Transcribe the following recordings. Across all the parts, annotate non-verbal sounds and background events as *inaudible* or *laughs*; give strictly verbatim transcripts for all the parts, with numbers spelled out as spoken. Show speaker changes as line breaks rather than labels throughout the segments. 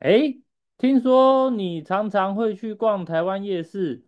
诶，听说你常常会去逛台湾夜市，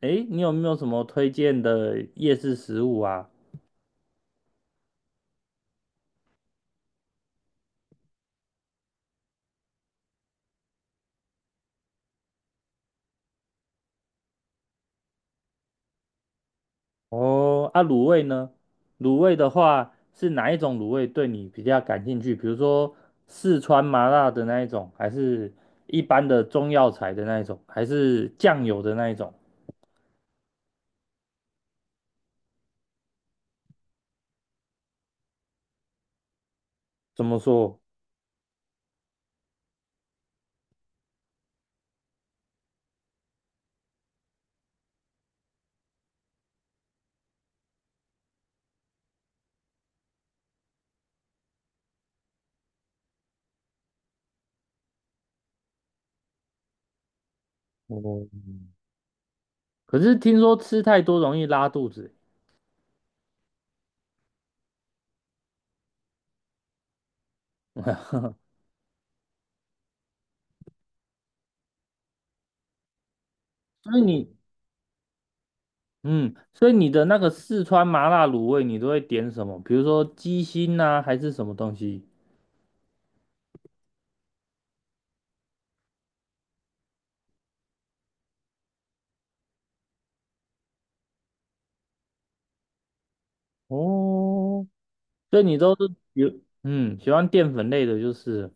诶，你有没有什么推荐的夜市食物啊？哦，啊，卤味呢？卤味的话是哪一种卤味对你比较感兴趣？比如说四川麻辣的那一种，还是一般的中药材的那一种，还是酱油的那一种？怎么说？哦，可是听说吃太多容易拉肚子，所以你嗯，所以你的那个四川麻辣卤味，你都会点什么？比如说鸡心呐、还是什么东西？哦，所以你都是有嗯喜欢淀粉类的，就是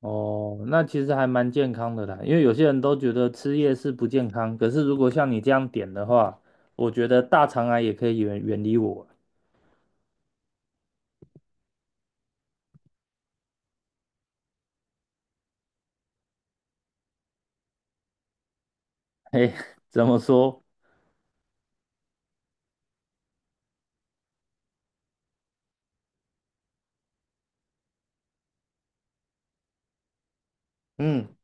哦，那其实还蛮健康的啦。因为有些人都觉得吃夜市不健康，可是如果像你这样点的话，我觉得大肠癌也可以远远离我。*laughs* 嘿，怎么说？嗯，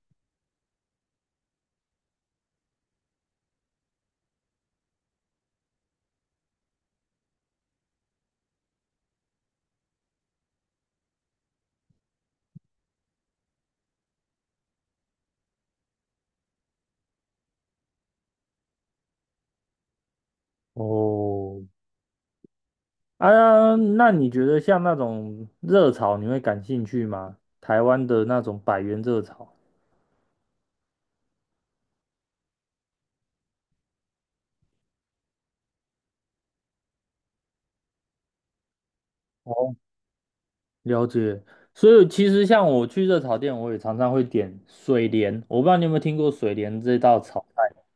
哦，啊，那你觉得像那种热炒，你会感兴趣吗？台湾的那种百元热炒哦，了解。所以其实像我去热炒店，我也常常会点水莲，我不知道你有没有听过水莲这道炒菜。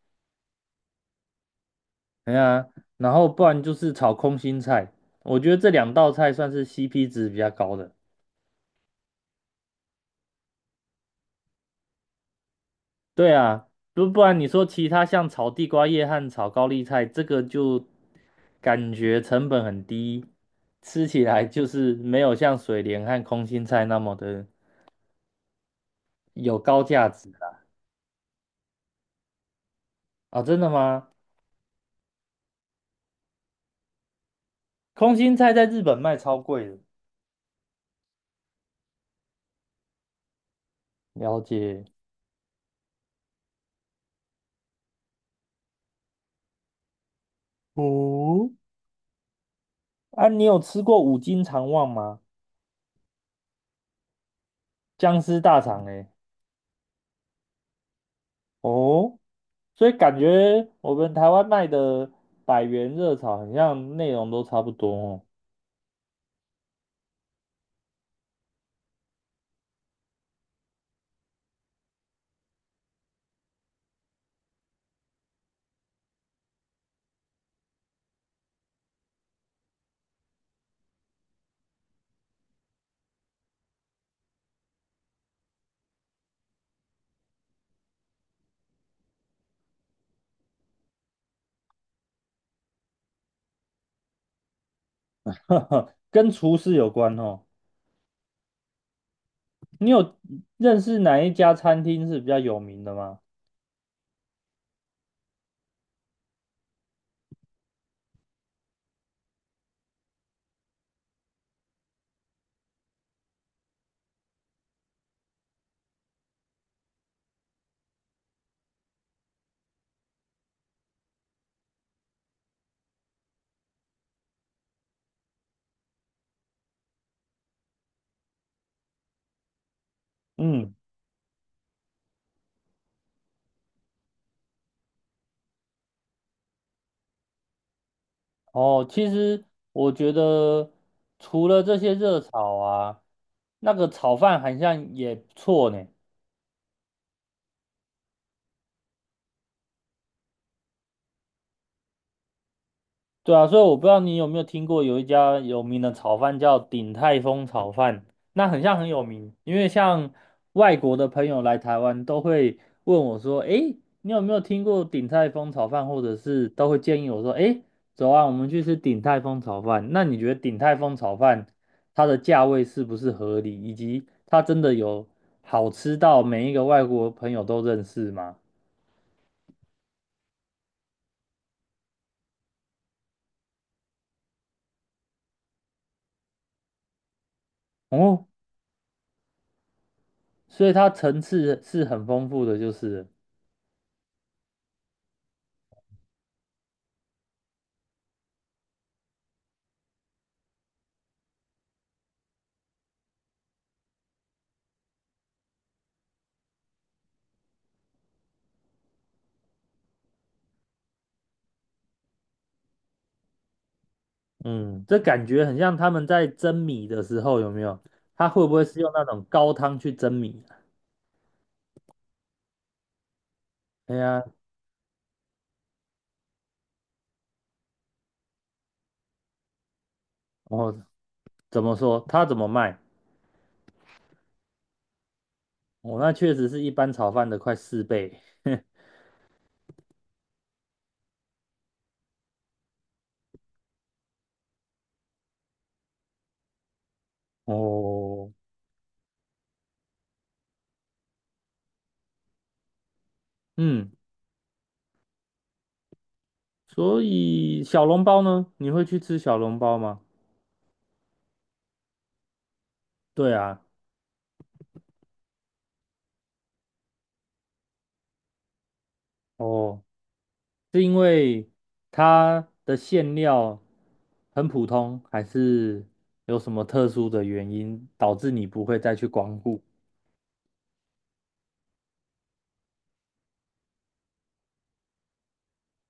哎呀，然后不然就是炒空心菜，我觉得这两道菜算是 C P 值比较高的。对啊，不不然你说其他像炒地瓜叶和炒高丽菜，这个就感觉成本很低，吃起来就是没有像水莲和空心菜那么的有高价值啦。啊，哦真的吗？空心菜在日本卖超贵的，了解。哦，啊，你有吃过五斤肠旺吗？僵尸大肠诶。哦，所以感觉我们台湾卖的百元热炒，好像内容都差不多哦。*laughs* 呵呵，跟厨师有关哦。你有认识哪一家餐厅是比较有名的吗？嗯哦，其实我觉得除了这些热炒啊，那个炒饭好像也不错呢。对啊，所以我不知道你有没有听过有一家有名的炒饭叫鼎泰丰炒饭，那很像很有名，因为像外国的朋友来台湾都会问我说，诶，你有没有听过鼎泰丰炒饭，或者是都会建议我说，诶，走啊，我们去吃鼎泰丰炒饭。那你觉得鼎泰丰炒饭它的价位是不是合理，以及它真的有好吃到每一个外国朋友都认识吗？哦，所以它层次是很丰富的，就是了嗯，这感觉很像他们在蒸米的时候，有没有？他会不会是用那种高汤去蒸米啊？哎呀，哦，怎么说？他怎么卖？哦，那确实是一般炒饭的快四倍。*laughs* 哦，嗯，所以小笼包呢？你会去吃小笼包吗？对啊，哦，是因为它的馅料很普通，还是有什么特殊的原因导致你不会再去光顾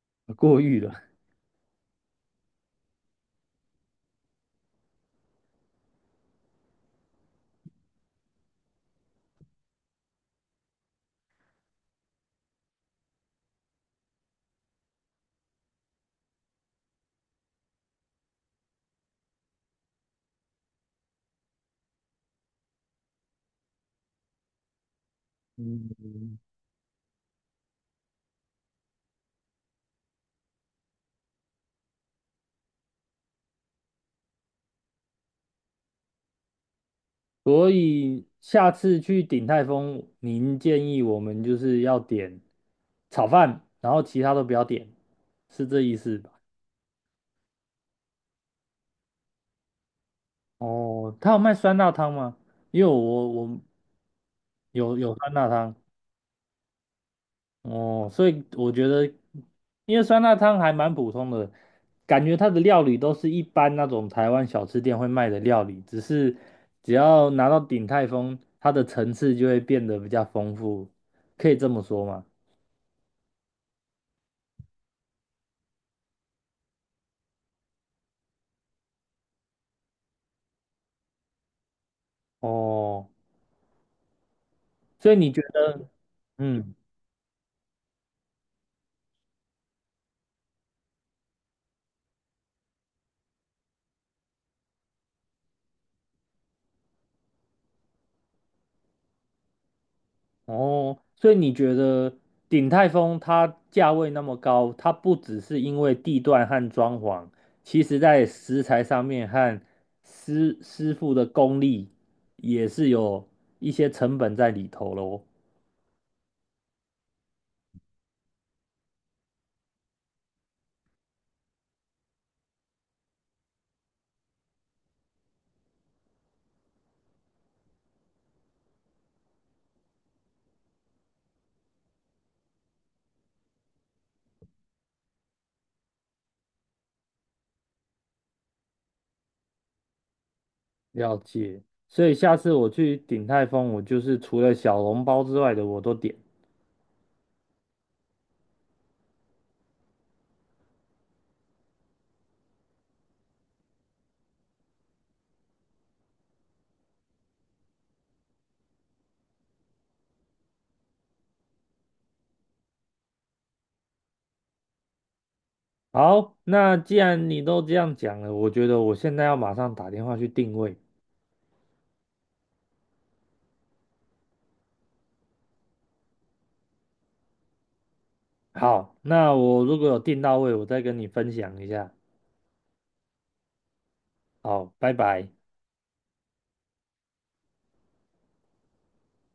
*laughs* 过誉了？嗯所以下次去鼎泰丰，您建议我们就是要点炒饭，然后其他都不要点，是这意思吧？哦，他有卖酸辣汤吗？因为我我有有酸辣汤哦，所以我觉得，因为酸辣汤还蛮普通的，感觉它的料理都是一般那种台湾小吃店会卖的料理，只是只要拿到鼎泰丰，它的层次就会变得比较丰富，可以这么说吗？哦，所以你觉得，嗯，哦，所以你觉得鼎泰丰它价位那么高，它不只是因为地段和装潢，其实在食材上面和师师傅的功力也是有一些成本在里头喽。了解，所以下次我去鼎泰丰，我就是除了小笼包之外的我都点。好，那既然你都这样讲了，我觉得我现在要马上打电话去定位。好，那我如果有订到位，我再跟你分享一下。好，拜拜。